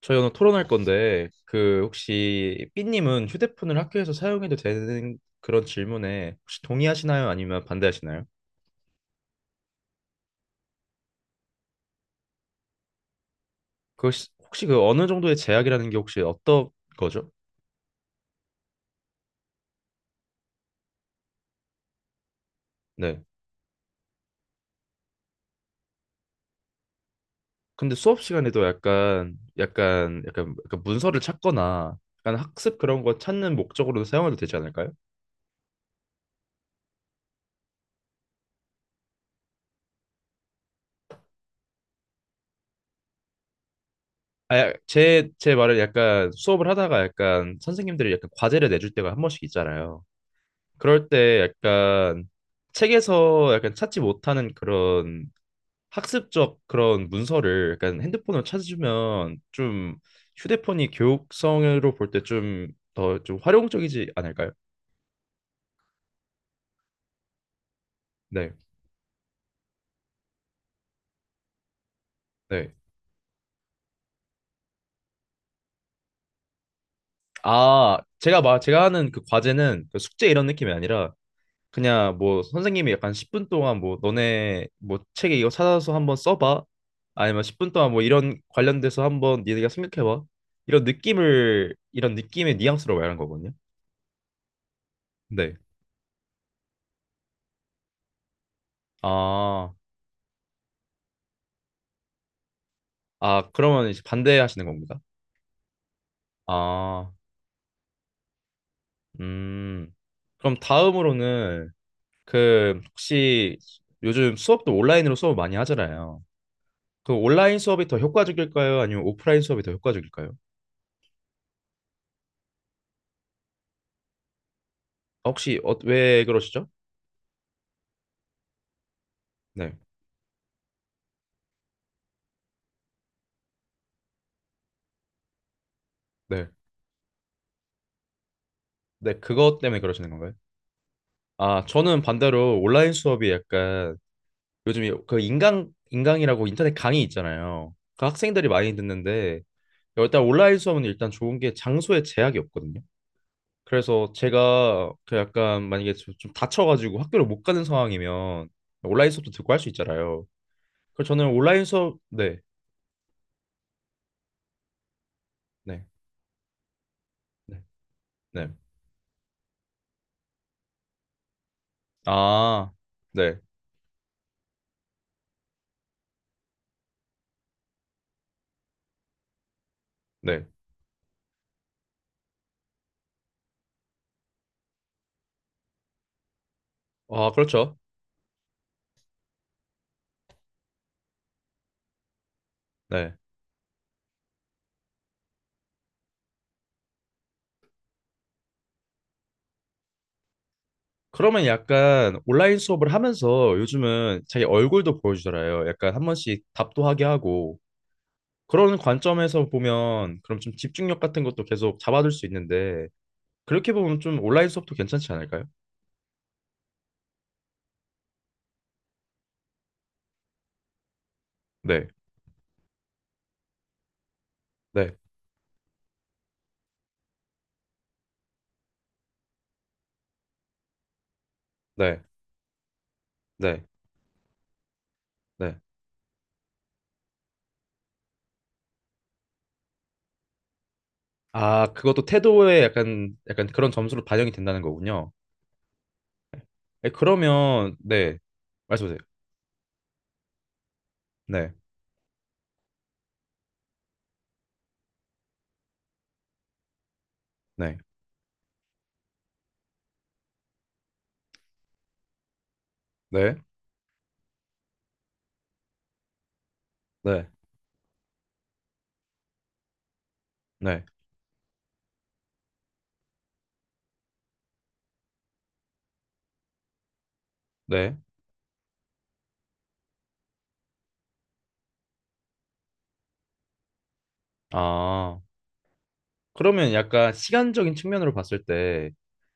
저희 오늘 토론할 건데 그 혹시 삐님은 휴대폰을 학교에서 사용해도 되는 그런 질문에 혹시 동의하시나요? 아니면 반대하시나요? 그 혹시 그 어느 정도의 제약이라는 게 혹시 어떤 거죠? 네. 근데 수업 시간에도 약간 문서를 찾거나 약간 학습 그런 거 찾는 목적으로 사용해도 되지 않을까요? 아, 제 말을 약간 수업을 하다가 약간 선생님들이 약간 과제를 내줄 때가 한 번씩 있잖아요. 그럴 때 약간 책에서 약간 찾지 못하는 그런 학습적 그런 문서를 약간 핸드폰으로 찾으면 좀 휴대폰이 교육성으로 볼 때 좀 더 좀 활용적이지 않을까요? 네, 네. 아, 제가 막 제가 하는 그 과제는 그 숙제 이런 느낌이 아니라 그냥 뭐 선생님이 약간 10분 동안 뭐 너네 뭐 책에 이거 찾아서 한번 써봐. 아니면 10분 동안 뭐 이런 관련돼서 한번 니네가 생각해봐. 이런 느낌을 이런 느낌의 뉘앙스로 말하는 거거든요. 네. 아, 그러면 이제 반대하시는 겁니다. 아, 음 그럼 다음으로는 그 혹시 요즘 수업도 온라인으로 수업 많이 하잖아요. 그 온라인 수업이 더 효과적일까요? 아니면 오프라인 수업이 더 효과적일까요? 혹시 왜 그러시죠? 네 네. 네, 그것 때문에 그러시는 건가요? 아, 저는 반대로 온라인 수업이 약간 요즘에 그 인강, 인강이라고 인터넷 강의 있잖아요. 그 학생들이 많이 듣는데 일단 온라인 수업은 일단 좋은 게 장소에 제약이 없거든요. 그래서 제가 그 약간 만약에 좀 다쳐가지고 학교를 못 가는 상황이면 온라인 수업도 듣고 할 수 있잖아요. 그래서 저는 온라인 수업, 네, 네, 네, 네. 아, 네, 네. 아, 그렇죠. 네. 그러면 약간 온라인 수업을 하면서 요즘은 자기 얼굴도 보여주잖아요. 약간 한 번씩 답도 하게 하고 그런 관점에서 보면 그럼 좀 집중력 같은 것도 계속 잡아둘 수 있는데, 그렇게 보면 좀 온라인 수업도 괜찮지 않을까요? 네, 네, 네, 네, 네. 아, 그것도 태도에 약간 약간 그런 점수로 반영이 된다는 거군요. 네, 그러면 네, 말씀하세요. 네, 네, 네, 네, 네, 네. 아. 그러면 약간 시간적인 측면으로 봤을 때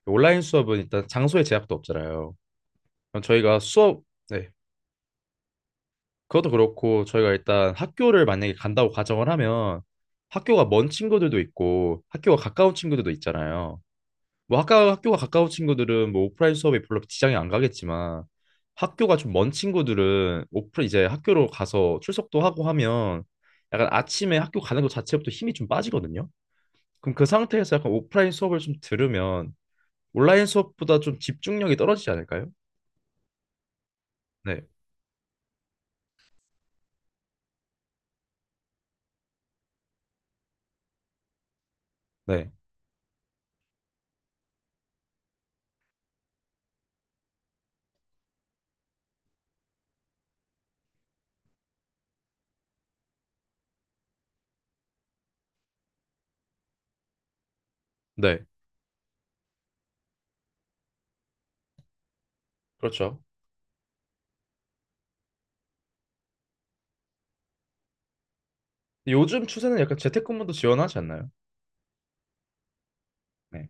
온라인 수업은 일단 장소의 제약도 없잖아요. 그럼 저희가 수업, 네, 그것도 그렇고 저희가 일단 학교를 만약에 간다고 가정을 하면 학교가 먼 친구들도 있고 학교가 가까운 친구들도 있잖아요. 뭐 학교가 가까운 친구들은 뭐 오프라인 수업에 별로 지장이 안 가겠지만 학교가 좀 먼 친구들은 오프 이제 학교로 가서 출석도 하고 하면 약간 아침에 학교 가는 것 자체부터 힘이 좀 빠지거든요. 그럼 그 상태에서 약간 오프라인 수업을 좀 들으면 온라인 수업보다 좀 집중력이 떨어지지 않을까요? 네, 네, 네, 그렇죠. 요즘 추세는 약간 재택근무도 지원하지 않나요? 네.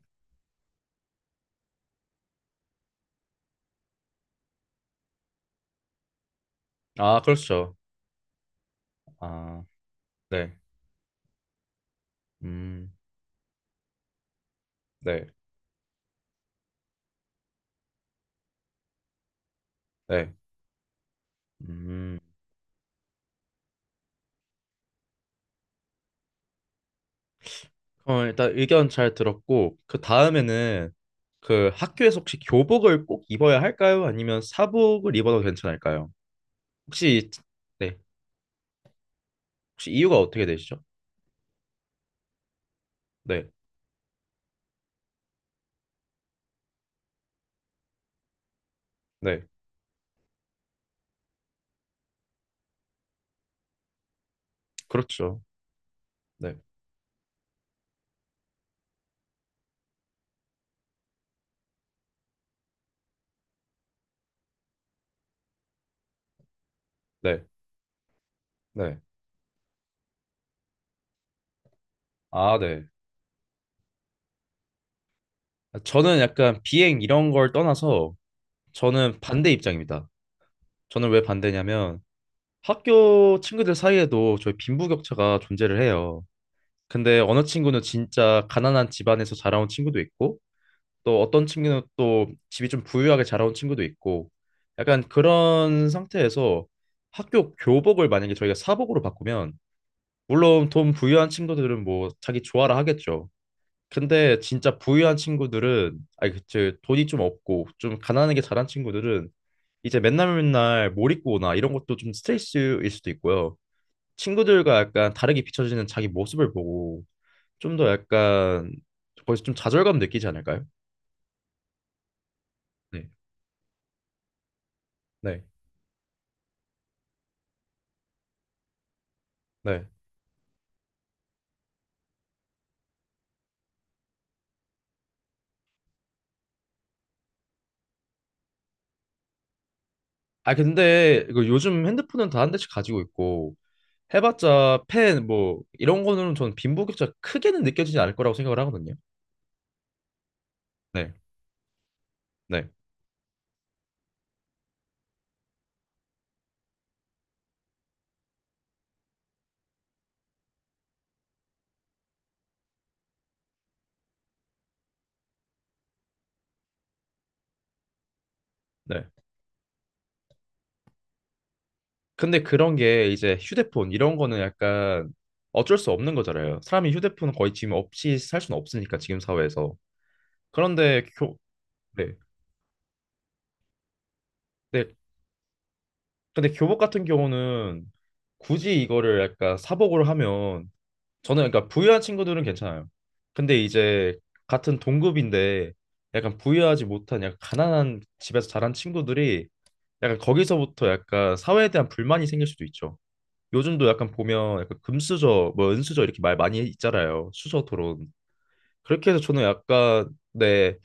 아, 그렇죠. 아, 네. 음, 네, 네. 음. 그럼 일단 의견 잘 들었고, 그 다음에는 그 학교에서 혹시 교복을 꼭 입어야 할까요? 아니면 사복을 입어도 괜찮을까요? 혹시, 네. 혹시 이유가 어떻게 되시죠? 네, 네. 그렇죠. 네, 네, 네. 아, 네. 저는 약간 비행 이런 걸 떠나서 저는 반대 입장입니다. 저는 왜 반대냐면 학교 친구들 사이에도 저희 빈부격차가 존재를 해요. 근데 어느 친구는 진짜 가난한 집안에서 자라온 친구도 있고 또 어떤 친구는 또 집이 좀 부유하게 자라온 친구도 있고 약간 그런 상태에서 학교 교복을 만약에 저희가 사복으로 바꾸면 물론 돈 부유한 친구들은 뭐 자기 좋아라 하겠죠. 근데 진짜 부유한 친구들은 아니 그치 돈이 좀 없고 좀 가난하게 자란 친구들은 이제 맨날 맨날 몰입고나 이런 것도 좀 스트레스일 수도 있고요. 친구들과 약간 다르게 비춰지는 자기 모습을 보고 좀 더 약간 거기서 좀 좌절감 느끼지 않을까요? 네. 네. 네. 아 근데 이거 요즘 핸드폰은 다 한 대씩 가지고 있고 해봤자 펜 뭐 이런 거는 저는 빈부격차 크게는 느껴지지 않을 거라고 생각을 하거든요. 네. 네. 네. 근데 그런 게 이제 휴대폰 이런 거는 약간 어쩔 수 없는 거잖아요. 사람이 휴대폰 거의 지금 없이 살 수는 없으니까 지금 사회에서. 그런데 교 네. 네. 근데 교복 같은 경우는 굳이 이거를 약간 사복으로 하면 저는 그러니까 부유한 친구들은 괜찮아요. 근데 이제 같은 동급인데 약간 부유하지 못한 약간 가난한 집에서 자란 친구들이 약간 거기서부터 약간 사회에 대한 불만이 생길 수도 있죠. 요즘도 약간 보면 약간 금수저, 뭐 은수저 이렇게 말 많이 있잖아요. 수저 토론. 그렇게 해서 저는 약간 네,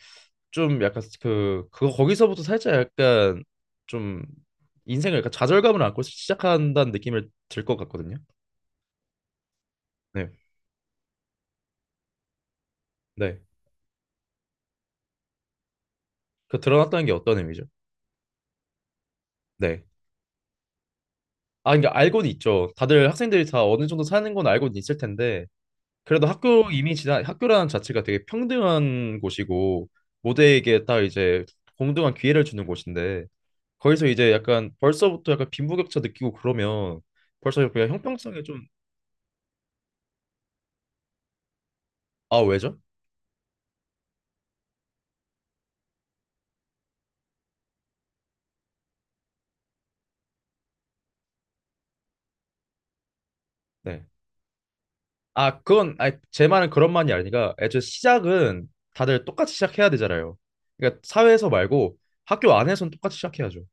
좀 약간 그거 거기서부터 살짝 약간 좀 인생을 약간 좌절감을 안고 시작한다는 느낌을 들 것 같거든요. 네, 네. 그 드러났다는 게 어떤 의미죠? 네. 아, 그러니까 알고는 있죠. 다들 학생들이 다 어느 정도 사는 건 알고는 있을 텐데 그래도 학교 이미 지난 학교라는 자체가 되게 평등한 곳이고 모두에게 다 이제 공정한 기회를 주는 곳인데 거기서 이제 약간 벌써부터 약간 빈부격차 느끼고 그러면 벌써 그냥 형평성에 좀. 아 왜죠? 네. 아 그건 아니 제 말은 그런 말이 아니라 애초에 시작은 다들 똑같이 시작해야 되잖아요. 그러니까 사회에서 말고 학교 안에서는 똑같이 시작해야죠.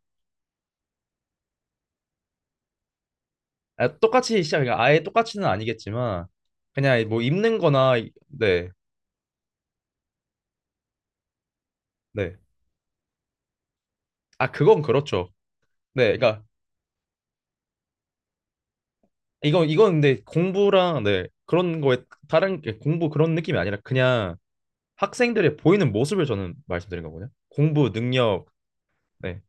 아, 똑같이 시작 그러니까 아예 똑같이는 아니겠지만 그냥 뭐 입는 거나 네. 네. 아 그건 그렇죠. 네. 그러니까 이건 근데 공부랑 네. 그런 거에 다른 게 공부 그런 느낌이 아니라 그냥 학생들의 보이는 모습을 저는 말씀드린 거거든요. 공부 능력, 네.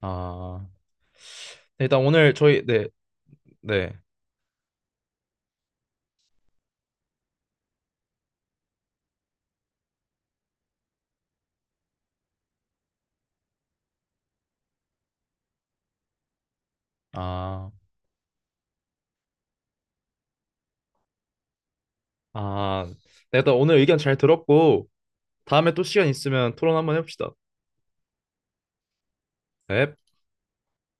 아, 네, 일단 오늘 저희 네, 네, 아, 아, 네, 일단 오늘 의견 잘 들었고 다음에 또 시간 있으면 토론 한번 해봅시다. 네.